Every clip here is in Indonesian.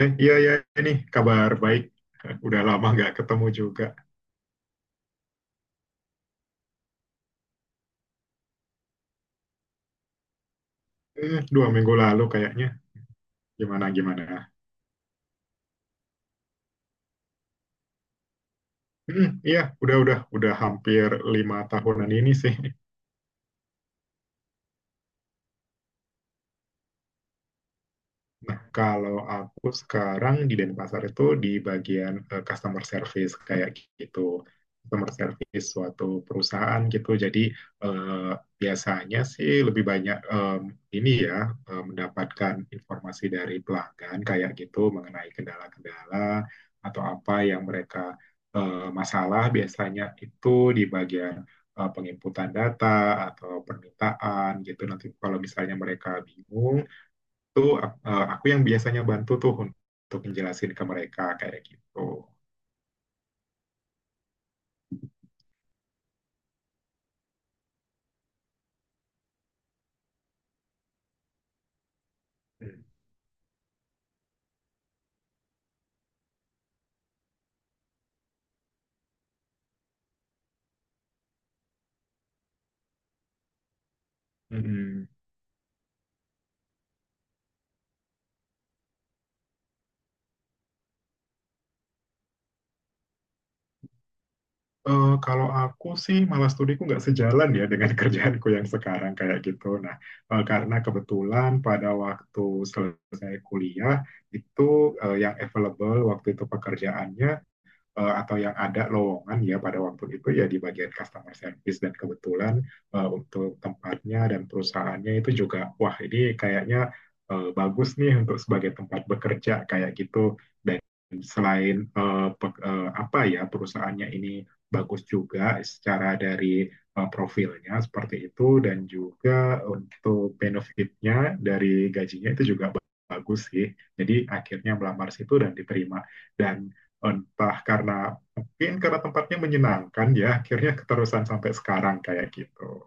Iya, iya, ini kabar baik. Udah lama nggak ketemu juga. 2 minggu lalu kayaknya. Gimana, gimana? Hmm, iya, udah hampir 5 tahunan ini sih. Nah, kalau aku sekarang di Denpasar itu di bagian customer service kayak gitu. Customer service suatu perusahaan gitu. Jadi eh, biasanya sih lebih banyak ini ya mendapatkan informasi dari pelanggan kayak gitu mengenai kendala-kendala atau apa yang mereka masalah biasanya itu di bagian penginputan data atau permintaan gitu. Nanti kalau misalnya mereka bingung itu aku yang biasanya bantu tuh untuk menjelasin ke mereka kayak gitu. Mm. Kalau aku sih malah studiku nggak sejalan ya dengan kerjaanku yang sekarang kayak gitu. Nah, karena kebetulan pada waktu selesai kuliah itu yang available waktu itu pekerjaannya atau yang ada lowongan ya pada waktu itu ya di bagian customer service dan kebetulan untuk tempatnya dan perusahaannya itu juga wah ini kayaknya bagus nih untuk sebagai tempat bekerja kayak gitu dan selain apa ya perusahaannya ini bagus juga secara dari profilnya seperti itu dan juga untuk benefitnya dari gajinya itu juga bagus sih. Jadi akhirnya melamar situ dan diterima. Dan entah karena mungkin karena tempatnya menyenangkan ya akhirnya keterusan sampai sekarang kayak gitu.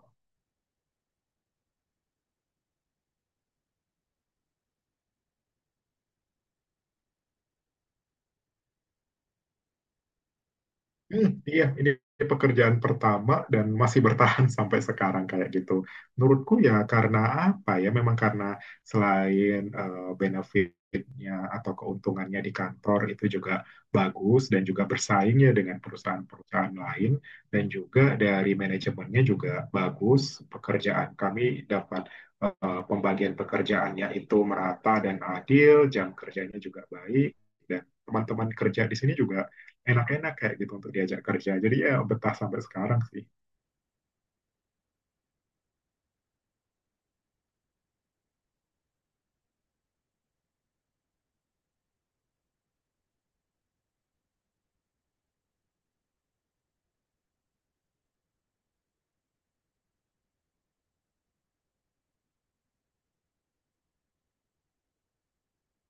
Hmm, iya, ini pekerjaan pertama dan masih bertahan sampai sekarang kayak gitu. Menurutku ya karena apa ya? Memang karena selain benefitnya atau keuntungannya di kantor itu juga bagus dan juga bersaingnya dengan perusahaan-perusahaan lain dan juga dari manajemennya juga bagus. Pekerjaan kami dapat pembagian pekerjaannya itu merata dan adil, jam kerjanya juga baik dan teman-teman kerja di sini juga enak-enak kayak gitu untuk diajak kerja. Jadi ya betah sampai sekarang sih.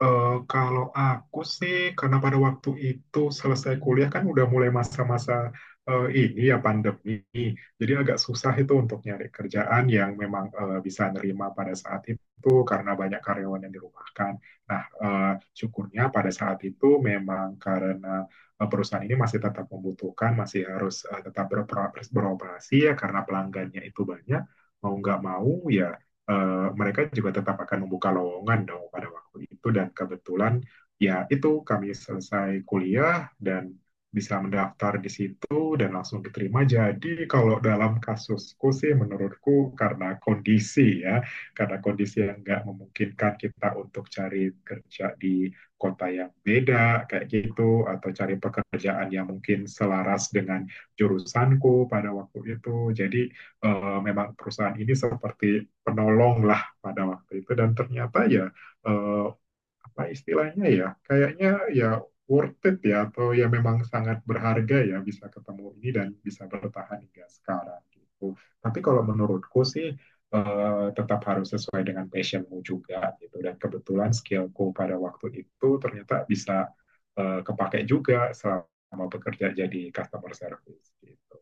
Eh kalau aku sih karena pada waktu itu selesai kuliah kan udah mulai masa-masa ini ya pandemi. Jadi agak susah itu untuk nyari kerjaan yang memang bisa nerima pada saat itu karena banyak karyawan yang dirumahkan. Nah, syukurnya pada saat itu memang karena perusahaan ini masih tetap membutuhkan, masih harus tetap beroperasi, beroperasi ya karena pelanggannya itu banyak mau nggak mau ya mereka juga tetap akan membuka lowongan dong pada waktu itu dan kebetulan ya itu kami selesai kuliah dan bisa mendaftar di situ dan langsung diterima. Jadi kalau dalam kasusku sih menurutku karena kondisi ya, karena kondisi yang nggak memungkinkan kita untuk cari kerja di kota yang beda kayak gitu atau cari pekerjaan yang mungkin selaras dengan jurusanku pada waktu itu. Jadi memang perusahaan ini seperti penolong lah pada waktu itu dan ternyata ya uh, apa istilahnya ya kayaknya ya worth it ya atau ya memang sangat berharga ya bisa ketemu ini dan bisa bertahan hingga sekarang gitu. Tapi kalau menurutku sih tetap harus sesuai dengan passionmu juga gitu dan kebetulan skillku pada waktu itu ternyata bisa kepake juga selama bekerja jadi customer service gitu.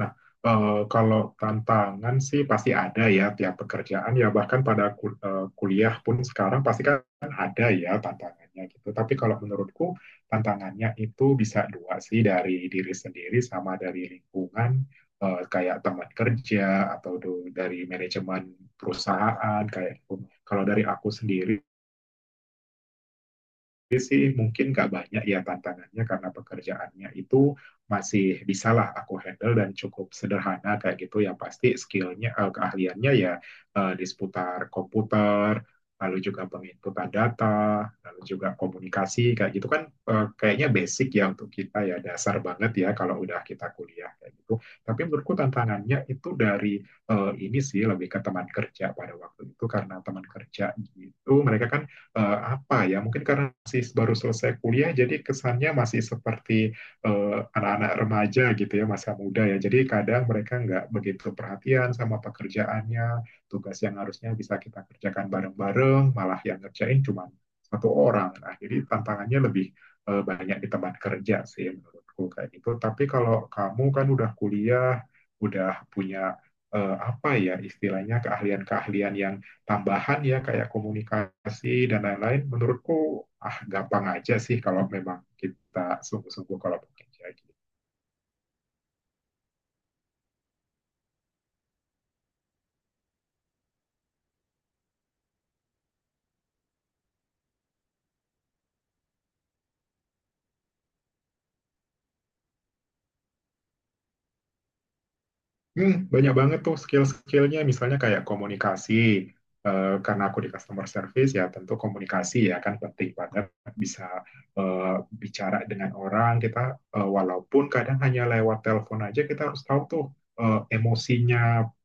Nah, kalau tantangan sih pasti ada ya tiap pekerjaan ya bahkan pada kuliah pun sekarang pasti kan ada ya tantangannya gitu. Tapi kalau menurutku tantangannya itu bisa dua sih dari diri sendiri sama dari lingkungan kayak teman kerja atau dari manajemen perusahaan kayak gitu. Kalau dari aku sendiri sih mungkin nggak banyak ya tantangannya karena pekerjaannya itu masih bisalah aku handle dan cukup sederhana kayak gitu yang pasti skillnya keahliannya ya di seputar komputer lalu juga penginputan data lalu juga komunikasi kayak gitu kan kayaknya basic ya untuk kita ya dasar banget ya kalau udah kita kuliah kayak gitu tapi menurutku tantangannya itu dari ini sih lebih ke teman kerja pada waktu itu karena teman kerja gitu mereka kan apa ya, mungkin karena masih baru selesai kuliah, jadi kesannya masih seperti anak-anak remaja gitu ya, masa muda ya. Jadi kadang mereka nggak begitu perhatian sama pekerjaannya, tugas yang harusnya bisa kita kerjakan bareng-bareng, malah yang ngerjain cuma satu orang. Nah, jadi tantangannya lebih banyak di tempat kerja sih menurutku kayak gitu. Tapi kalau kamu kan udah kuliah, udah punya apa ya istilahnya keahlian-keahlian yang tambahan ya kayak komunikasi dan lain-lain menurutku ah gampang aja sih kalau memang kita sungguh-sungguh kalau bekerja gitu. Hmm, banyak banget tuh skill-skillnya, misalnya kayak komunikasi. Karena aku di customer service ya tentu komunikasi ya kan penting banget bisa eh, bicara dengan orang kita walaupun kadang hanya lewat telepon aja kita harus tahu tuh emosinya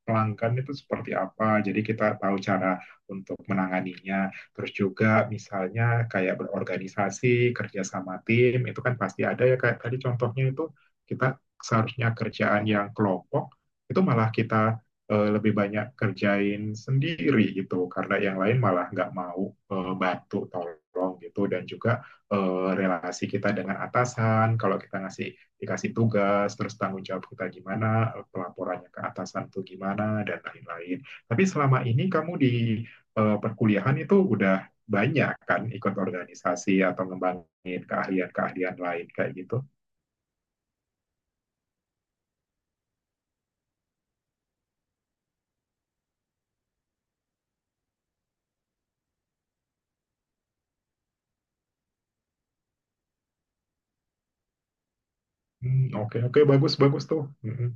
pelanggan itu seperti apa. Jadi kita tahu cara untuk menanganinya. Terus juga misalnya kayak berorganisasi, kerja sama tim itu kan pasti ada ya kayak tadi contohnya itu kita seharusnya kerjaan yang kelompok itu malah kita lebih banyak kerjain sendiri gitu karena yang lain malah nggak mau bantu tolong gitu dan juga relasi kita dengan atasan kalau kita dikasih tugas terus tanggung jawab kita gimana pelaporannya ke atasan tuh gimana dan lain-lain tapi selama ini kamu di perkuliahan itu udah banyak kan ikut organisasi atau ngembangin keahlian-keahlian lain kayak gitu. Hmm, oke oke, bagus bagus tuh. Mm-mm.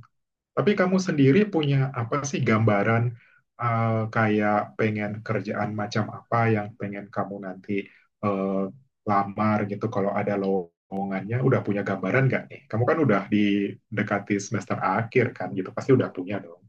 Tapi kamu sendiri punya apa sih gambaran kayak pengen kerjaan macam apa yang pengen kamu nanti eh, lamar gitu kalau ada lowongannya udah punya gambaran nggak nih? Kamu kan udah didekati semester akhir kan gitu pasti udah punya dong.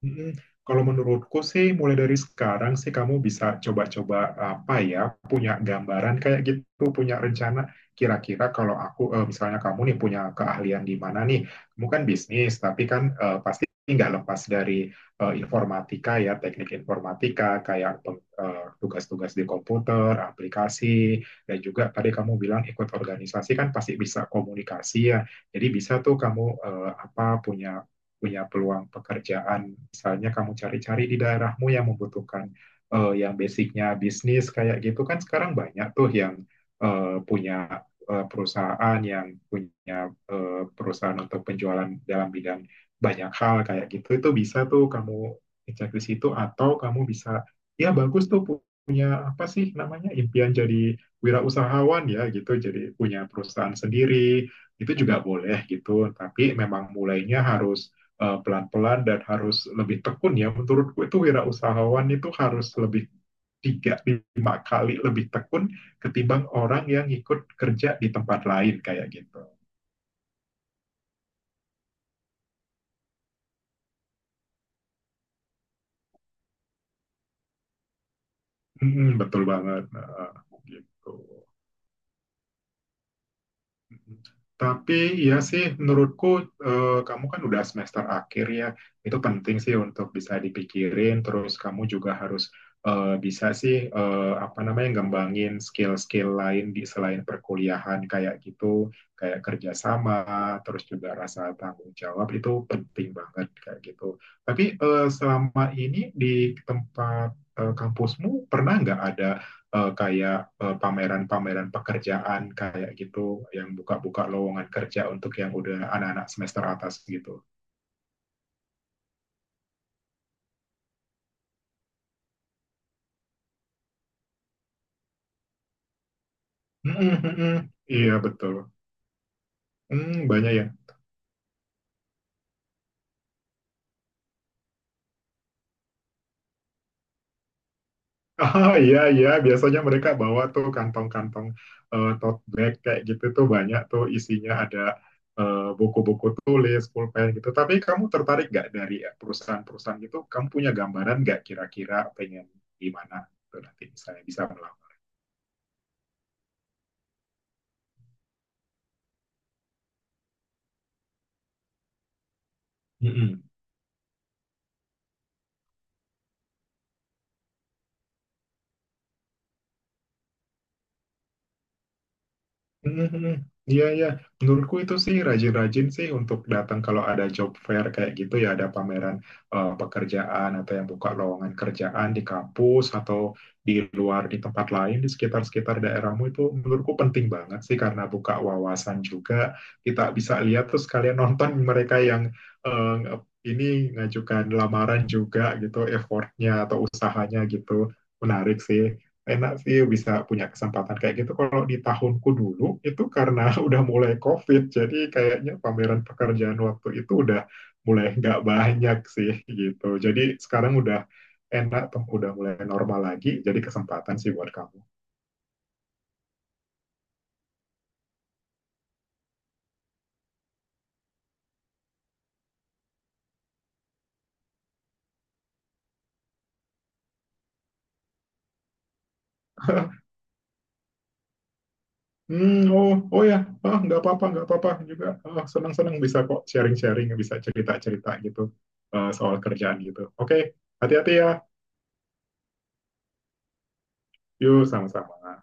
Mm-mm. Kalau menurutku sih mulai dari sekarang sih kamu bisa coba-coba apa ya punya gambaran kayak gitu punya rencana kira-kira kalau aku misalnya kamu nih punya keahlian di mana nih kamu kan bisnis tapi kan pasti nggak lepas dari informatika ya teknik informatika kayak tugas-tugas di komputer aplikasi dan juga tadi kamu bilang ikut organisasi kan pasti bisa komunikasi ya jadi bisa tuh kamu eh, apa punya punya peluang pekerjaan. Misalnya kamu cari-cari di daerahmu yang membutuhkan yang basicnya bisnis kayak gitu kan sekarang banyak tuh yang eh, punya punya perusahaan untuk penjualan dalam bidang banyak hal kayak gitu itu bisa tuh kamu cek di situ atau kamu bisa ya bagus tuh punya apa sih namanya impian jadi wirausahawan ya gitu jadi punya perusahaan sendiri itu juga boleh gitu tapi memang mulainya harus pelan-pelan dan harus lebih tekun ya. Menurutku itu wirausahawan itu harus lebih 3-5 kali lebih tekun ketimbang orang yang ikut kerja di tempat lain kayak gitu. Hmm, betul banget. Nah, gitu. Tapi ya sih menurutku kamu kan udah semester akhir ya. Itu penting sih untuk bisa dipikirin. Terus kamu juga harus bisa sih apa namanya ngembangin skill-skill lain di selain perkuliahan kayak gitu, kayak kerjasama, terus juga rasa tanggung jawab itu penting banget kayak gitu. Tapi selama ini di tempat kampusmu pernah nggak ada eh, kayak pameran-pameran pekerjaan kayak gitu yang buka-buka lowongan kerja untuk yang udah anak-anak semester atas gitu. Mm, mm, mm. Iya betul. Hmm, banyak ya. Ah, iya iya, biasanya mereka bawa tuh kantong-kantong tote bag kayak gitu tuh banyak tuh isinya ada buku-buku tulis, pulpen gitu. Tapi kamu tertarik nggak dari perusahaan-perusahaan gitu? Kamu punya gambaran nggak kira-kira pengen gimana tuh nanti misalnya bisa melakukan? Mhm. Iya, iya. Menurutku itu sih rajin-rajin sih untuk datang kalau ada job fair kayak gitu ya, ada pameran pekerjaan atau yang buka lowongan kerjaan di kampus atau di luar di tempat lain di sekitar-sekitar daerahmu itu menurutku penting banget sih karena buka wawasan juga. Kita bisa lihat terus kalian nonton mereka yang eh, ini ngajukan lamaran juga gitu, effortnya atau usahanya gitu. Menarik sih, enak sih bisa punya kesempatan kayak gitu. Kalau di tahunku dulu itu karena udah mulai COVID, jadi kayaknya pameran pekerjaan waktu itu udah mulai nggak banyak sih gitu. Jadi sekarang udah enak tuh, udah mulai normal lagi. Jadi kesempatan sih buat kamu. Hmm, oh, oh ya, ah, nggak apa-apa juga. Ah, senang-senang bisa kok sharing-sharing, bisa cerita-cerita gitu soal kerjaan gitu. Oke, hati-hati ya. Yuk, sama-sama.